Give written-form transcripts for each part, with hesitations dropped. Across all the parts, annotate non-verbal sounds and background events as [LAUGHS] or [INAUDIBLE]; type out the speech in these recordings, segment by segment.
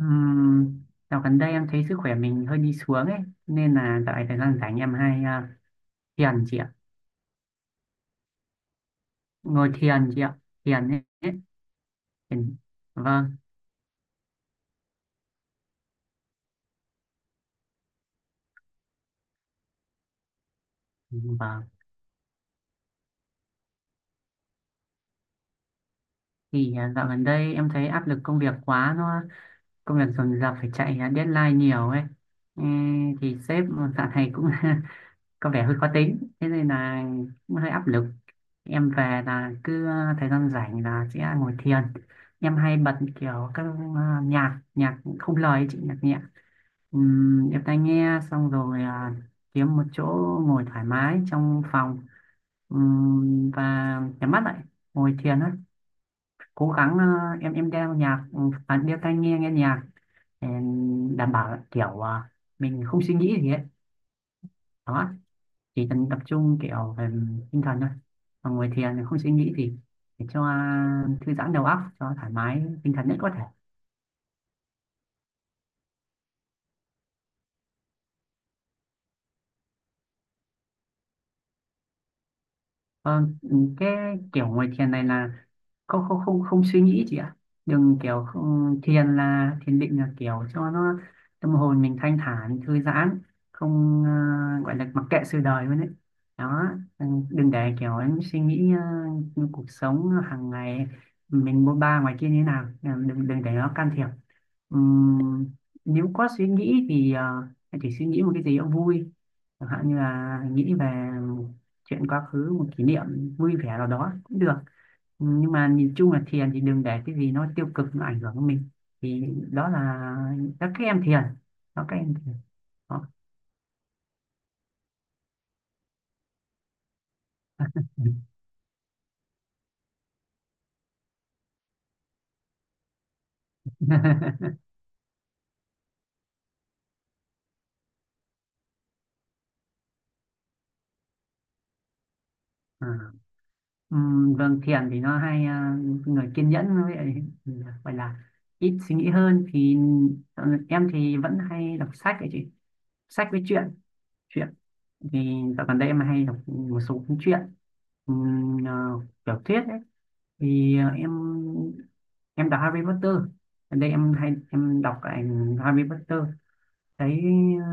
Ừm, Dạo gần đây em thấy sức khỏe mình hơi đi xuống ấy, nên là dạo này thời gian rảnh em hay thiền chị ạ. Ngồi thiền chị ạ, thiền ấy. Thiền. Vâng, vâng, thì dạo gần đây em thấy áp lực công việc quá, nó công việc dồn dập, phải chạy deadline nhiều ấy. Ê, thì sếp dạo này cũng [LAUGHS] công việc hơi khó tính, thế nên là cũng hơi áp lực. Em về là cứ thời gian rảnh là sẽ ngồi thiền. Em hay bật kiểu các nhạc nhạc không lời ấy chị, nhạc nhẹ. Em tai nghe xong rồi kiếm một chỗ ngồi thoải mái trong phòng, và nhắm mắt lại, ngồi thiền á. Cố gắng em đeo tai nghe nghe nhạc, để đảm bảo kiểu mình không suy nghĩ gì ấy. Đó, chỉ cần tập trung kiểu về tinh thần thôi. Còn ngồi thiền thì không suy nghĩ gì, để cho thư giãn đầu óc, cho thoải mái tinh thần nhất có thể. Ờ, cái kiểu ngồi thiền này là không không suy nghĩ chị ạ, đừng kiểu không, thiền là thiền định, là kiểu cho nó tâm hồn mình thanh thản, thư giãn, không gọi là mặc kệ sự đời luôn đấy. Đó, đừng để kiểu em suy nghĩ cuộc sống hàng ngày mình bôn ba ngoài kia như thế nào. Ừ, đừng đừng để nó can thiệp. Ừm, Nếu có suy nghĩ thì em chỉ suy nghĩ một cái gì đó vui, chẳng hạn như là nghĩ về chuyện quá khứ, một kỷ niệm vui vẻ nào đó cũng được. Nhưng mà nhìn chung là thiền thì đừng để cái gì nó tiêu cực nó ảnh hưởng đến mình. Thì đó là các em thiền, đó, các em thiền, đó. [LAUGHS] à. Vâng, thiền thì nó hay người kiên nhẫn với lại gọi là ít suy nghĩ hơn thì ờ, em thì vẫn hay đọc sách ấy chị. Sách với truyện, truyện thì dạo gần đây em hay đọc một số cuốn truyện, ừm, à, tiểu thuyết ấy. Thì em đọc Harry Potter, gần đây em hay đọc lại Harry Potter, thấy ờ,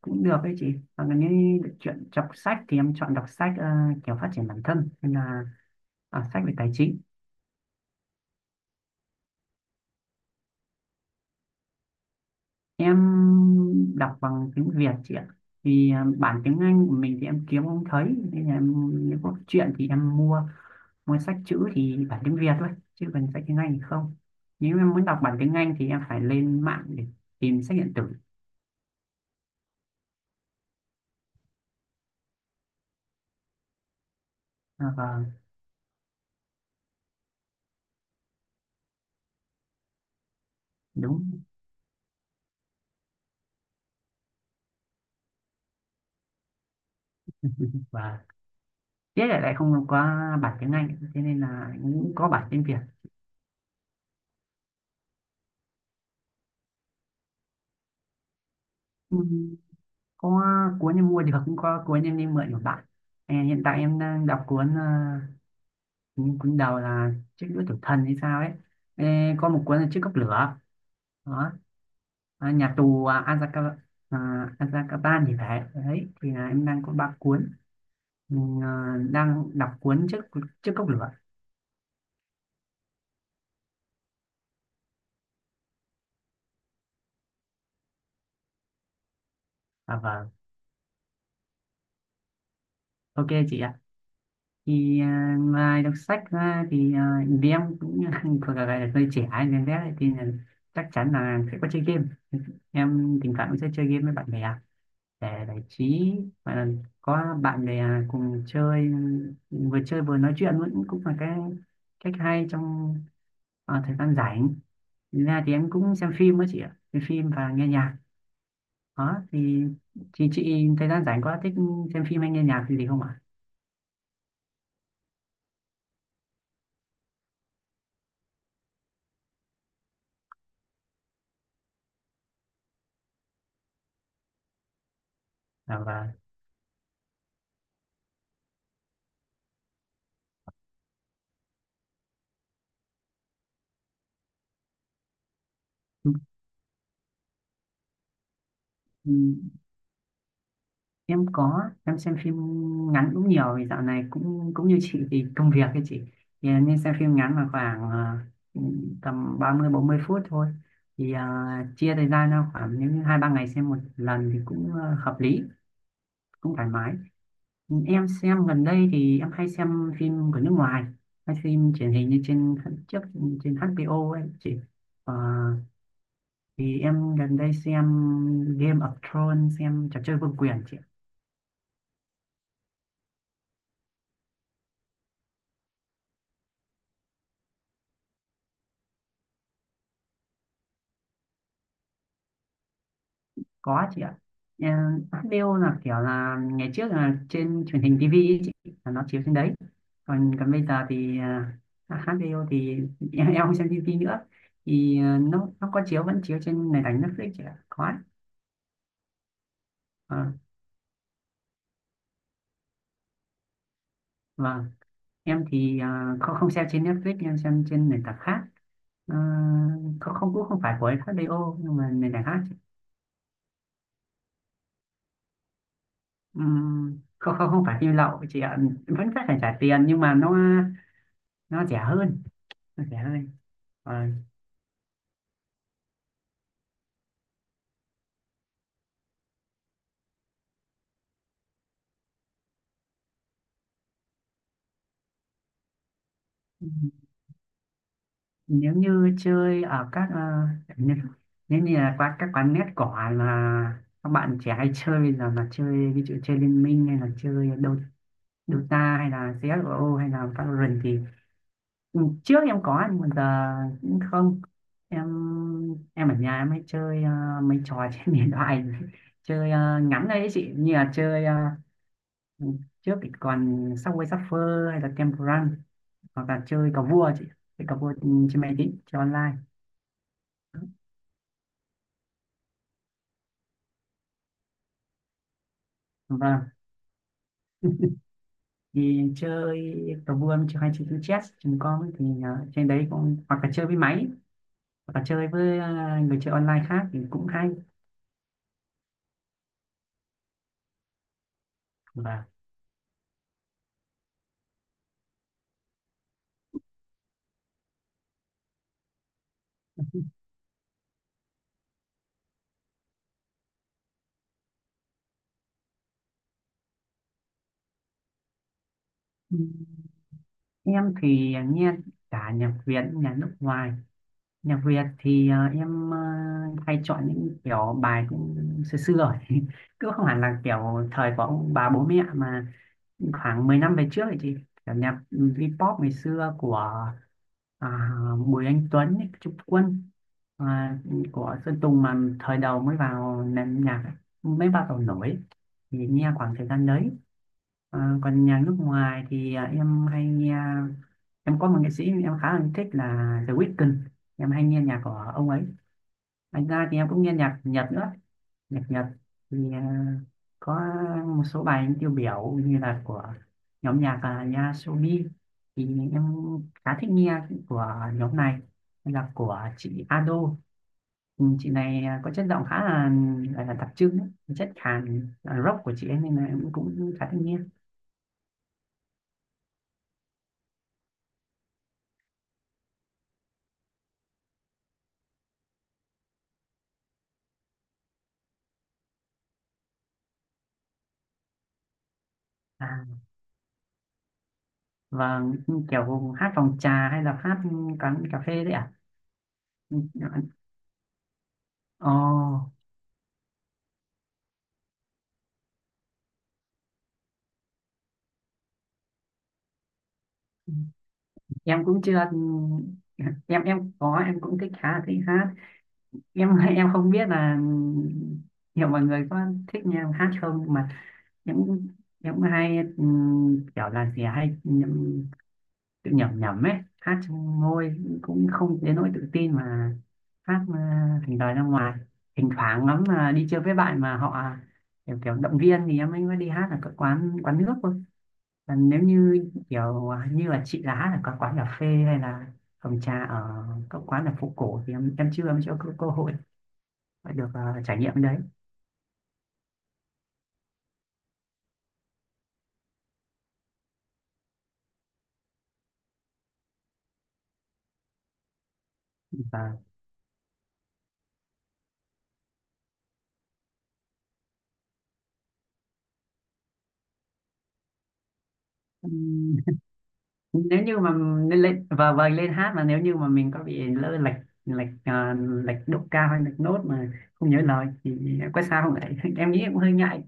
cũng được đấy chị. Và nếu được chuyện đọc sách thì em chọn đọc sách kiểu phát triển bản thân, hay là sách về tài chính. Em đọc bằng tiếng Việt chị ạ, vì bản tiếng Anh của mình thì em kiếm không thấy, nên là em nếu có chuyện thì em mua mua sách chữ thì bản tiếng Việt thôi, chứ còn sách tiếng Anh thì không. Nếu em muốn đọc bản tiếng Anh thì em phải lên mạng để tìm sách điện tử. À, vâng, đúng. [LAUGHS] Và tiếc là lại không có bản tiếng Anh, thế nên là cũng có bản tiếng Việt. Ừ, có cuốn em mua được, cũng có cuốn em đi mượn của bạn. Hiện tại em đang đọc cuốn cuốn cuốn đầu là chiếc đũa tử thần hay sao ấy. Ê, có một cuốn là chiếc cốc lửa, đó, nhà tù Azkaban, à, Azkaban thì phải đấy. Thì là em đang có ba cuốn. Mình đang đọc cuốn chiếc chiếc cốc lửa. Vâng, ok chị ạ. Thì ngoài đọc sách ra thì vì em cũng [LAUGHS] thuộc là gọi là hơi trẻ nên thế, thì là chắc chắn là sẽ có chơi game. Em thỉnh thoảng cũng sẽ chơi game với bạn bè để giải trí, và là có bạn bè cùng chơi, vừa chơi vừa nói chuyện vẫn cũng là cái cách hay trong thời gian rảnh. Thực ra thì em cũng xem phim đó chị ạ, xem phim và nghe nhạc, đó thì chị thời gian rảnh có thích xem phim hay nghe nhạc gì không ạ? Và em có em xem phim ngắn cũng nhiều, vì dạo này cũng cũng như chị thì công việc ấy chị, thì em nên xem phim ngắn là khoảng tầm 30-40 phút thôi. Thì chia thời gian ra khoảng những hai ba ngày xem một lần thì cũng hợp lý, cũng thoải mái. Em xem gần đây thì em hay xem phim của nước ngoài, hay phim truyền hình như trên trước, trên HBO ấy chị. Ờ, thì em gần đây xem Game of Thrones, xem trò chơi vương quyền chị. Có chị ạ. Ờ, Hát Bill là kiểu là ngày trước là trên truyền hình TV ý chị, là nó chiếu trên đấy. Còn còn bây giờ thì Hát Bill thì [LAUGHS] em không xem TV nữa. Thì nó có chiếu, vẫn chiếu trên nền tảng Netflix chị ạ. Có ạ. Ờ, vâng. Em thì không không xem trên Netflix, em xem trên nền tảng khác. Ờ, không không cũng không phải của HBO, nhưng mà nền tảng khác chị. Không không không phải phim lậu chị ạ. Vẫn phải phải trả tiền nhưng mà nó rẻ hơn. Nó rẻ hơn. Ờ. Ừ. Nếu như chơi ở các nếu, nếu như là qua các quán net cỏ mà các bạn trẻ hay chơi bây giờ, mà chơi ví dụ chơi Liên Minh hay là chơi Dota hay là CS:GO hay là Valorant thì trước em có, nhưng mà giờ cũng không. Em em ở nhà em hay chơi mấy trò [LAUGHS] trên điện thoại, chơi ngắn đấy chị, như là chơi trước thì còn Subway Surfer hay là Temple Run, hoặc là chơi cờ vua chị, chơi cờ vua trên máy tính, chơi online. Vâng, thì chơi cờ vua, chơi hay chơi chữ chess chúng con thì trên đấy cũng hoặc là chơi với máy, hoặc là chơi với người chơi online khác thì cũng hay. Và em thì nghe cả nhạc Việt, nhạc nước ngoài. Nhạc Việt thì em hay chọn những kiểu bài cũng xưa xưa rồi. [LAUGHS] Cứ không hẳn là kiểu thời của ông bà bố mẹ, mà khoảng 10 năm về trước thì chị, kiểu nhạc V-pop ngày xưa của à, Bùi Anh Tuấn ấy, Trúc Quân, à, của Sơn Tùng mà thời đầu mới vào nền nhạc ấy, mới bắt đầu nổi, thì nghe khoảng thời gian đấy. Còn nhạc nước ngoài thì em hay nghe, em có một nghệ sĩ em khá là thích là The Weeknd, em hay nghe nhạc của ông ấy. Thành ra thì em cũng nghe nhạc Nhật nữa. Nhạc Nhật thì có một số bài tiêu biểu như là của nhóm nhạc là Yasobi, thì em khá thích nghe. Của nhóm này là của chị Ado. Ừ, chị này có chất giọng khá là là đặc trưng ấy, chất khàn rock của chị ấy, nên là em cũng khá thích nghe. à, và kiểu hát phòng trà hay là hát quán cà phê đấy à? Ừ. Ồ, em cũng chưa, em có, em cũng thích, khá là thích hát. Em [LAUGHS] em không biết là nhiều mọi người có thích nghe em hát không, nhưng mà em cũng- em cũng hay kiểu là gì hay tự nhẩm nhẩm ấy, hát trong môi, cũng không đến nỗi tự tin mà hát thành lời ra ngoài. Thỉnh thoảng lắm là đi chơi với bạn mà họ kiểu động viên thì em mới mới đi hát ở các quán quán nước thôi. Còn nếu như kiểu như là chị là hát ở các quán cà phê hay là phòng trà ở các quán là phố cổ thì em chưa có cơ hội phải được trải nghiệm cái đấy. Và ừm, nếu như mà lên, và vâng, lên hát mà nếu như mà mình có bị lỡ lệch, lệch à, lệch độ cao hay lệch nốt, mà không nhớ lời thì có sao không đấy? [LAUGHS] Em nghĩ em cũng hơi ngại.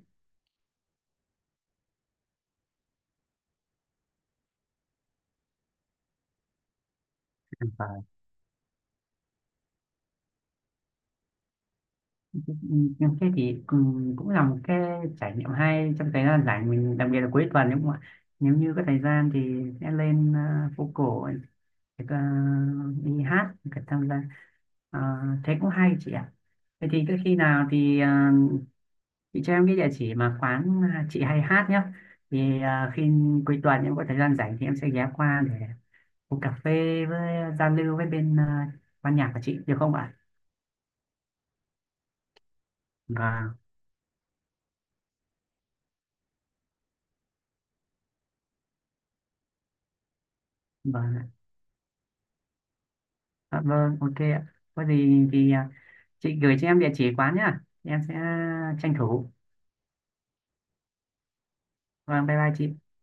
Và nhưng thế thì cũng là một cái trải nghiệm hay trong thời gian rảnh mình, đặc biệt là cuối tuần, nếu mà nếu như có thời gian thì sẽ lên phố cổ để, à, đi hát, để tham gia. À, thế cũng hay chị ạ. Vậy thì cứ khi nào thì chị cho em cái địa chỉ mà quán chị hay hát nhé, thì khi cuối tuần em có thời gian rảnh thì em sẽ ghé qua để uống cà phê với giao lưu với bên ban nhạc của chị được không ạ? Vâng, vâng ạ. Dạ, vâng, ok ạ. Có gì thì chị gửi cho em địa chỉ quán nhá, em sẽ tranh thủ. Vâng, bye bye chị.